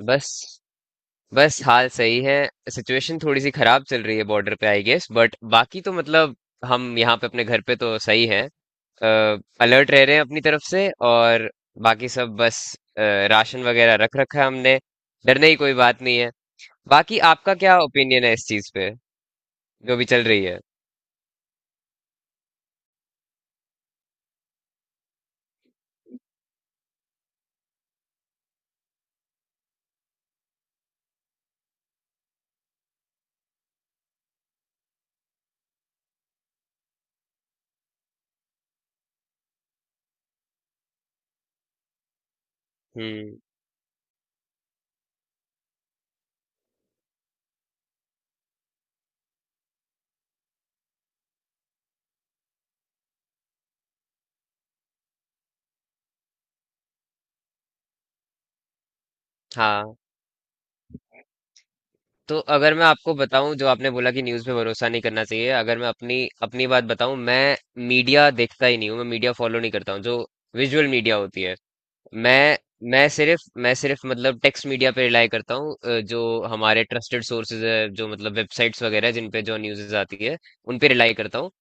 बस बस हाल सही है। सिचुएशन थोड़ी सी खराब चल रही है बॉर्डर पे आई गेस बट बाकी तो मतलब हम यहाँ पे अपने घर पे तो सही है। अलर्ट रह रहे हैं अपनी तरफ से, और बाकी सब बस। अ, राशन वगैरह रख रखा है हमने। डरने की कोई बात नहीं है। बाकी आपका क्या ओपिनियन है इस चीज पे जो भी चल रही है। हम्म। हाँ। तो अगर मैं आपको बताऊं, जो आपने बोला कि न्यूज़ पे भरोसा नहीं करना चाहिए, अगर मैं अपनी अपनी बात बताऊं, मैं मीडिया देखता ही नहीं हूं। मैं मीडिया फॉलो नहीं करता हूं, जो विजुअल मीडिया होती है। मैं मैं सिर्फ मतलब टेक्स्ट मीडिया पे रिलाई करता हूँ। जो हमारे ट्रस्टेड सोर्सेज है, जो मतलब वेबसाइट्स वगैरह जिन पे जो न्यूज़ आती है उन पे रिलाई करता हूँ।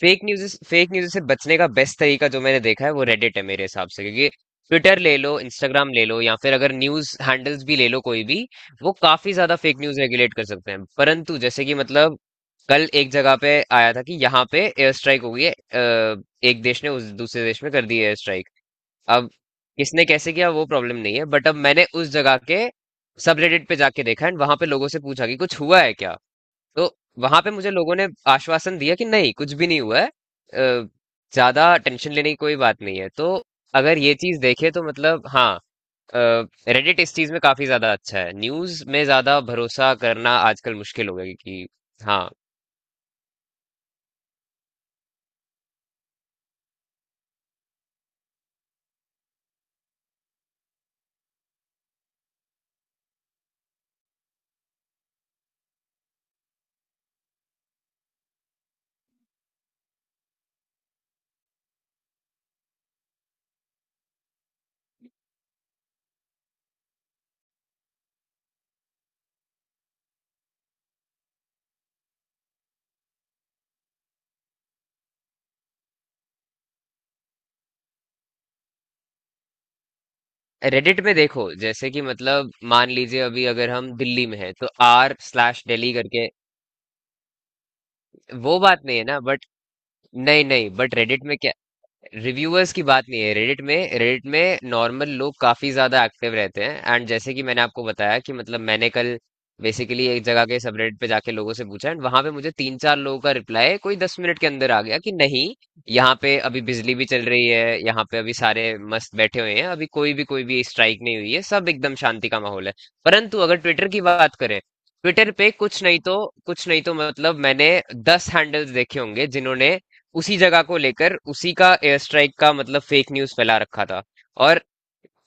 फेक न्यूज फेक न्यूज से बचने का बेस्ट तरीका जो मैंने देखा है वो रेडिट है मेरे हिसाब से, क्योंकि ट्विटर ले लो, इंस्टाग्राम ले लो, या फिर अगर न्यूज हैंडल्स भी ले लो, कोई भी, वो काफी ज्यादा फेक न्यूज रेगुलेट कर सकते हैं। परंतु जैसे कि मतलब कल एक जगह पे आया था कि यहाँ पे एयर स्ट्राइक हो गई है। एक देश ने उस दूसरे देश में कर दी एयर स्ट्राइक। अब किसने कैसे किया वो प्रॉब्लम नहीं है, बट अब मैंने उस जगह के सब रेडिट पे जाके देखा एंड वहां पे लोगों से पूछा कि कुछ हुआ है क्या। तो वहां पे मुझे लोगों ने आश्वासन दिया कि नहीं, कुछ भी नहीं हुआ है। ज्यादा टेंशन लेने की कोई बात नहीं है। तो अगर ये चीज देखे तो मतलब हाँ, रेडिट इस चीज में काफी ज्यादा अच्छा है। न्यूज में ज्यादा भरोसा करना आजकल मुश्किल हो गया है, कि हाँ। रेडिट में देखो, जैसे कि मतलब मान लीजिए अभी अगर हम दिल्ली में हैं तो आर स्लैश दिल्ली करके। वो बात नहीं है ना, बट नहीं, नहीं, बट रेडिट में क्या, रिव्यूअर्स की बात नहीं है। रेडिट में नॉर्मल लोग काफी ज्यादा एक्टिव रहते हैं, एंड जैसे कि मैंने आपको बताया कि मतलब मैंने कल बेसिकली एक जगह के सबरेडिट पे जाके लोगों से पूछा, एंड वहां पे मुझे तीन चार लोगों का रिप्लाई कोई 10 मिनट के अंदर आ गया कि नहीं, यहाँ पे अभी बिजली भी चल रही है, यहाँ पे अभी सारे मस्त बैठे हुए हैं, अभी कोई भी स्ट्राइक नहीं हुई है, सब एकदम शांति का माहौल है। परंतु अगर ट्विटर की बात करें, ट्विटर पे कुछ नहीं तो मतलब मैंने 10 हैंडल्स देखे होंगे जिन्होंने उसी जगह को लेकर, उसी का एयर स्ट्राइक का मतलब फेक न्यूज़ फैला रखा था। और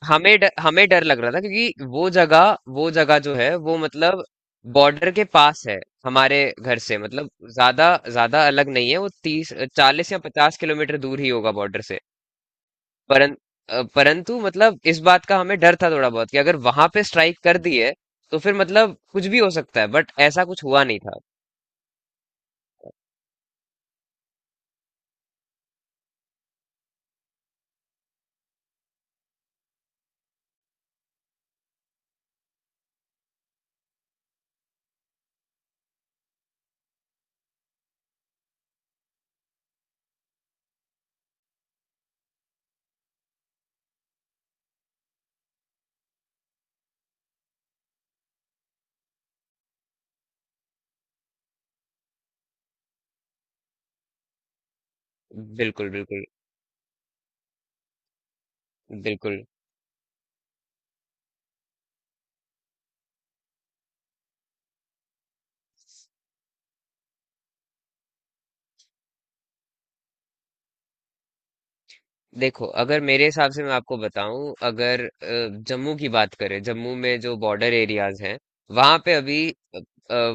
हमें डर लग रहा था, क्योंकि वो जगह जो है वो मतलब बॉर्डर के पास है, हमारे घर से मतलब ज्यादा ज्यादा अलग नहीं है। वो 30, 40 या 50 किलोमीटर दूर ही होगा बॉर्डर से। परं, परंतु मतलब इस बात का हमें डर था थोड़ा बहुत, कि अगर वहां पे स्ट्राइक कर दी है तो फिर मतलब कुछ भी हो सकता है, बट ऐसा कुछ हुआ नहीं था। बिल्कुल। बिल्कुल। बिल्कुल। देखो अगर मेरे हिसाब से मैं आपको बताऊं, अगर जम्मू की बात करें, जम्मू में जो बॉर्डर एरियाज हैं, वहां पे अभी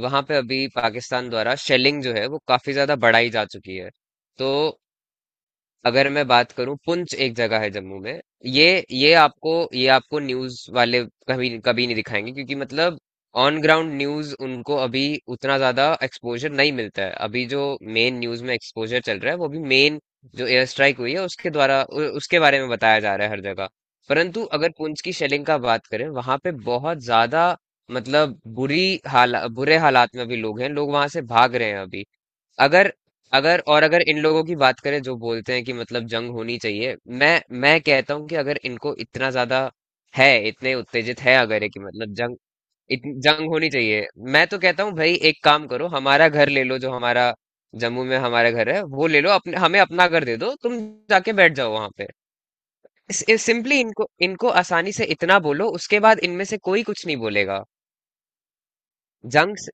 वहां पे अभी पाकिस्तान द्वारा शेलिंग जो है वो काफी ज्यादा बढ़ाई जा चुकी है। तो अगर मैं बात करूं, पुंछ एक जगह है जम्मू में। ये आपको न्यूज वाले कभी कभी नहीं दिखाएंगे, क्योंकि मतलब ऑन ग्राउंड न्यूज उनको अभी उतना ज्यादा एक्सपोजर नहीं मिलता है। अभी जो मेन न्यूज में एक्सपोजर चल रहा है, वो भी मेन, जो एयर स्ट्राइक हुई है उसके द्वारा, उसके बारे में बताया जा रहा है हर जगह। परंतु अगर पुंछ की शेलिंग का बात करें, वहां पे बहुत ज्यादा मतलब बुरी हाल, बुरे हालात में अभी लोग हैं, लोग वहां से भाग रहे हैं अभी। अगर अगर और अगर इन लोगों की बात करें जो बोलते हैं कि मतलब जंग होनी चाहिए, मैं मैं कहता हूं कि अगर इनको इतना ज्यादा है, इतने उत्तेजित है, अगर है कि मतलब जंग, जंग होनी चाहिए, मैं तो कहता हूँ भाई, एक काम करो, हमारा घर ले लो, जो हमारा जम्मू में हमारा घर है वो ले लो, अपने हमें अपना घर दे दो तुम, जाके बैठ जाओ वहां पे। सिंपली इनको इनको आसानी से इतना बोलो, उसके बाद इनमें से कोई कुछ नहीं बोलेगा। जंग से-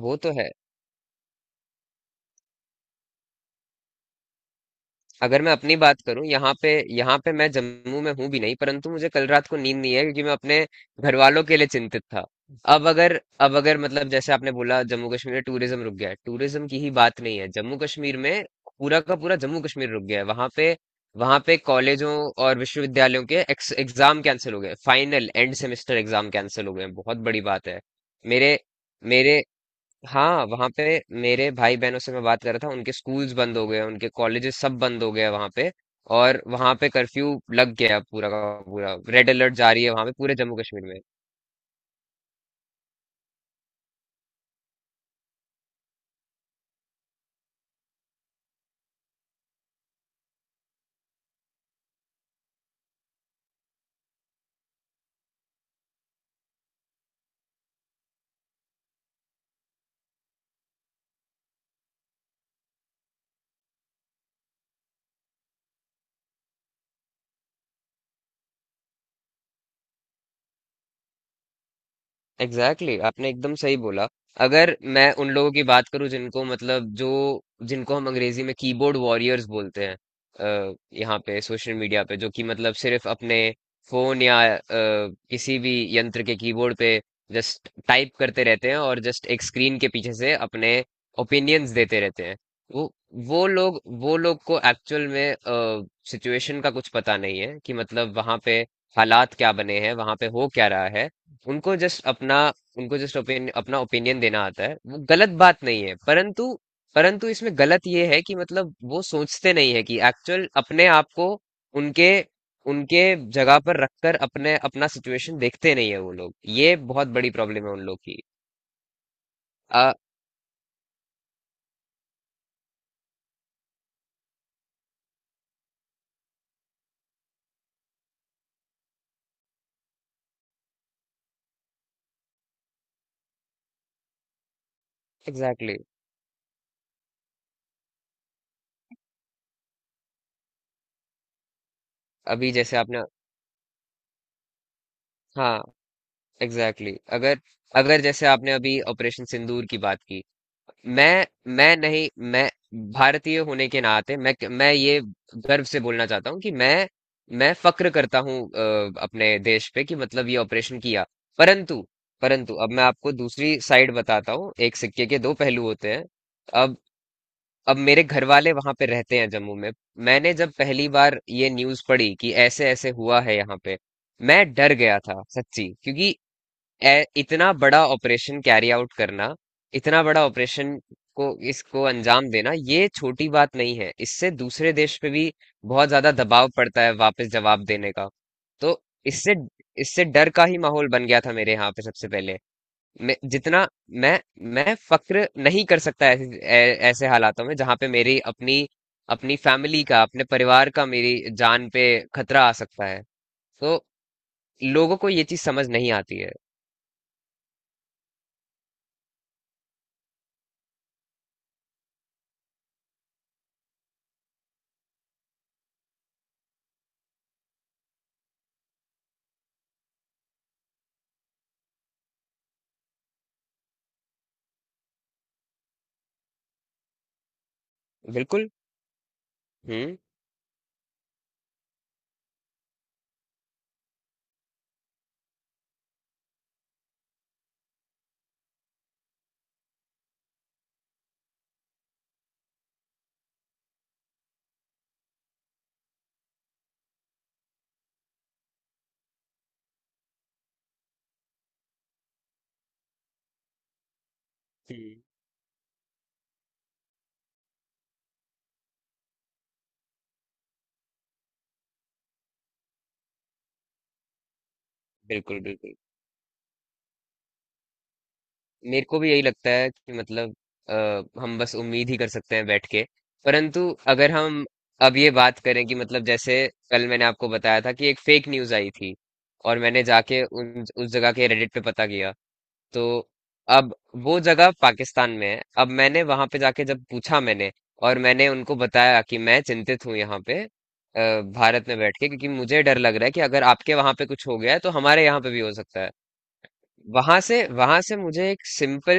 वो तो है। अगर मैं अपनी बात करूं यहाँ पे मैं जम्मू में हूं भी नहीं, परंतु मुझे कल रात को नींद नहीं है, क्योंकि मैं अपने घर वालों के लिए चिंतित था। अब अगर अब अगर मतलब जैसे आपने बोला, जम्मू कश्मीर में टूरिज्म रुक गया है, टूरिज्म की ही बात नहीं है, जम्मू कश्मीर में पूरा का पूरा जम्मू कश्मीर रुक गया है वहां पे। वहां पे कॉलेजों और विश्वविद्यालयों के एग्जाम कैंसिल हो गए, final end semester exam cancel हो गए हैं। बहुत बड़ी बात है। मेरे मेरे हाँ। वहाँ पे मेरे भाई बहनों से मैं बात कर रहा था, उनके स्कूल्स बंद हो गए, उनके कॉलेजेस सब बंद हो गए वहाँ पे। और वहाँ पे कर्फ्यू लग गया है, पूरा का पूरा रेड अलर्ट जारी है वहाँ पे पूरे जम्मू कश्मीर में। एग्जैक्टली exactly, आपने एकदम सही बोला। अगर मैं उन लोगों की बात करूं, जिनको मतलब जो जिनको हम अंग्रेजी में कीबोर्ड वॉरियर्स बोलते हैं, अ, यहाँ पे सोशल मीडिया पे, जो कि मतलब सिर्फ अपने फोन या किसी भी यंत्र के कीबोर्ड पे जस्ट टाइप करते रहते हैं, और जस्ट एक स्क्रीन के पीछे से अपने ओपिनियंस देते रहते हैं। वो वो लोग को एक्चुअल में सिचुएशन का कुछ पता नहीं है, कि मतलब वहां पे हालात क्या बने हैं, वहां पे हो क्या रहा है। उनको जस्ट अपना उनको जस्ट अपना ओपिनियन देना आता है, वो गलत बात नहीं है, परंतु परंतु इसमें गलत ये है कि मतलब वो सोचते नहीं है कि एक्चुअल अपने आप को उनके उनके जगह पर रखकर अपने अपना सिचुएशन देखते नहीं है वो लोग। ये बहुत बड़ी प्रॉब्लम है उन लोग की। आ एग्जैक्टली exactly। अभी जैसे आपने, हाँ, एग्जैक्टली exactly। अगर अगर जैसे आपने अभी ऑपरेशन सिंदूर की बात की। मैं मैं नहीं, मैं भारतीय होने के नाते मैं ये गर्व से बोलना चाहता हूँ कि मैं फक्र करता हूँ अपने देश पे, कि मतलब ये ऑपरेशन किया। परंतु परंतु अब मैं आपको दूसरी साइड बताता हूँ, एक सिक्के के दो पहलू होते हैं। अब अब मेरे घर वाले वहां पे रहते हैं जम्मू में। मैंने जब पहली बार ये न्यूज पढ़ी कि ऐसे ऐसे हुआ है यहाँ पे, मैं डर गया था सच्ची, क्योंकि इतना बड़ा ऑपरेशन कैरी आउट करना, इतना बड़ा ऑपरेशन को इसको अंजाम देना, ये छोटी बात नहीं है। इससे दूसरे देश पे भी बहुत ज्यादा दबाव पड़ता है वापस जवाब देने का। तो इससे इससे डर का ही माहौल बन गया था मेरे यहाँ पे सबसे पहले। मैं जितना मैं मैं फक्र नहीं कर सकता ऐसे हालातों में, जहाँ पे मेरी अपनी अपनी फैमिली का, अपने परिवार का, मेरी जान पे खतरा आ सकता है, तो लोगों को ये चीज समझ नहीं आती है। बिल्कुल। हम्म। हम्म। बिल्कुल। बिल्कुल। मेरे को भी यही लगता है कि मतलब अ, हम बस उम्मीद ही कर सकते हैं बैठ के। परंतु अगर हम अब ये बात करें, कि मतलब जैसे कल मैंने आपको बताया था कि एक फेक न्यूज आई थी, और मैंने जाके उन उस जगह के रेडिट पे पता किया। तो अब वो जगह पाकिस्तान में है। अब मैंने वहां पे जाके जब पूछा, मैंने और मैंने उनको बताया कि मैं चिंतित हूँ यहाँ पे भारत में बैठ के, क्योंकि मुझे डर लग रहा है कि अगर आपके वहां पे कुछ हो गया है तो हमारे यहाँ पे भी हो सकता है। वहां से मुझे एक सिंपल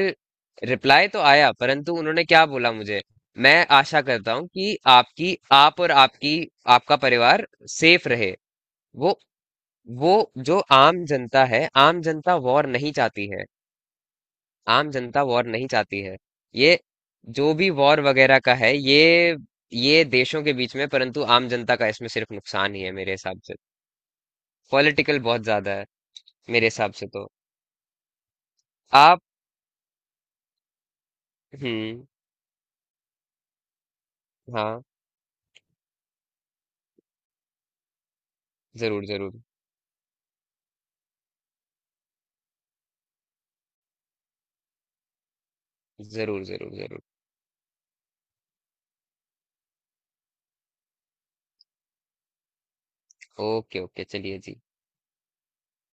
रिप्लाई तो आया, परंतु उन्होंने क्या बोला मुझे, मैं आशा करता हूं कि आपकी, आप और आपकी आपका परिवार सेफ रहे। वो वो जो आम जनता है, आम जनता वॉर नहीं चाहती है। आम जनता वॉर नहीं चाहती है। ये जो भी वॉर वगैरह का है, ये देशों के बीच में, परंतु आम जनता का इसमें सिर्फ नुकसान ही है मेरे हिसाब से। पॉलिटिकल बहुत ज्यादा है, मेरे हिसाब से तो। आप। हम्म। हाँ। जरूर, जरूर, जरूर। जरूर, जरूर। ओके, ओके, चलिए जी।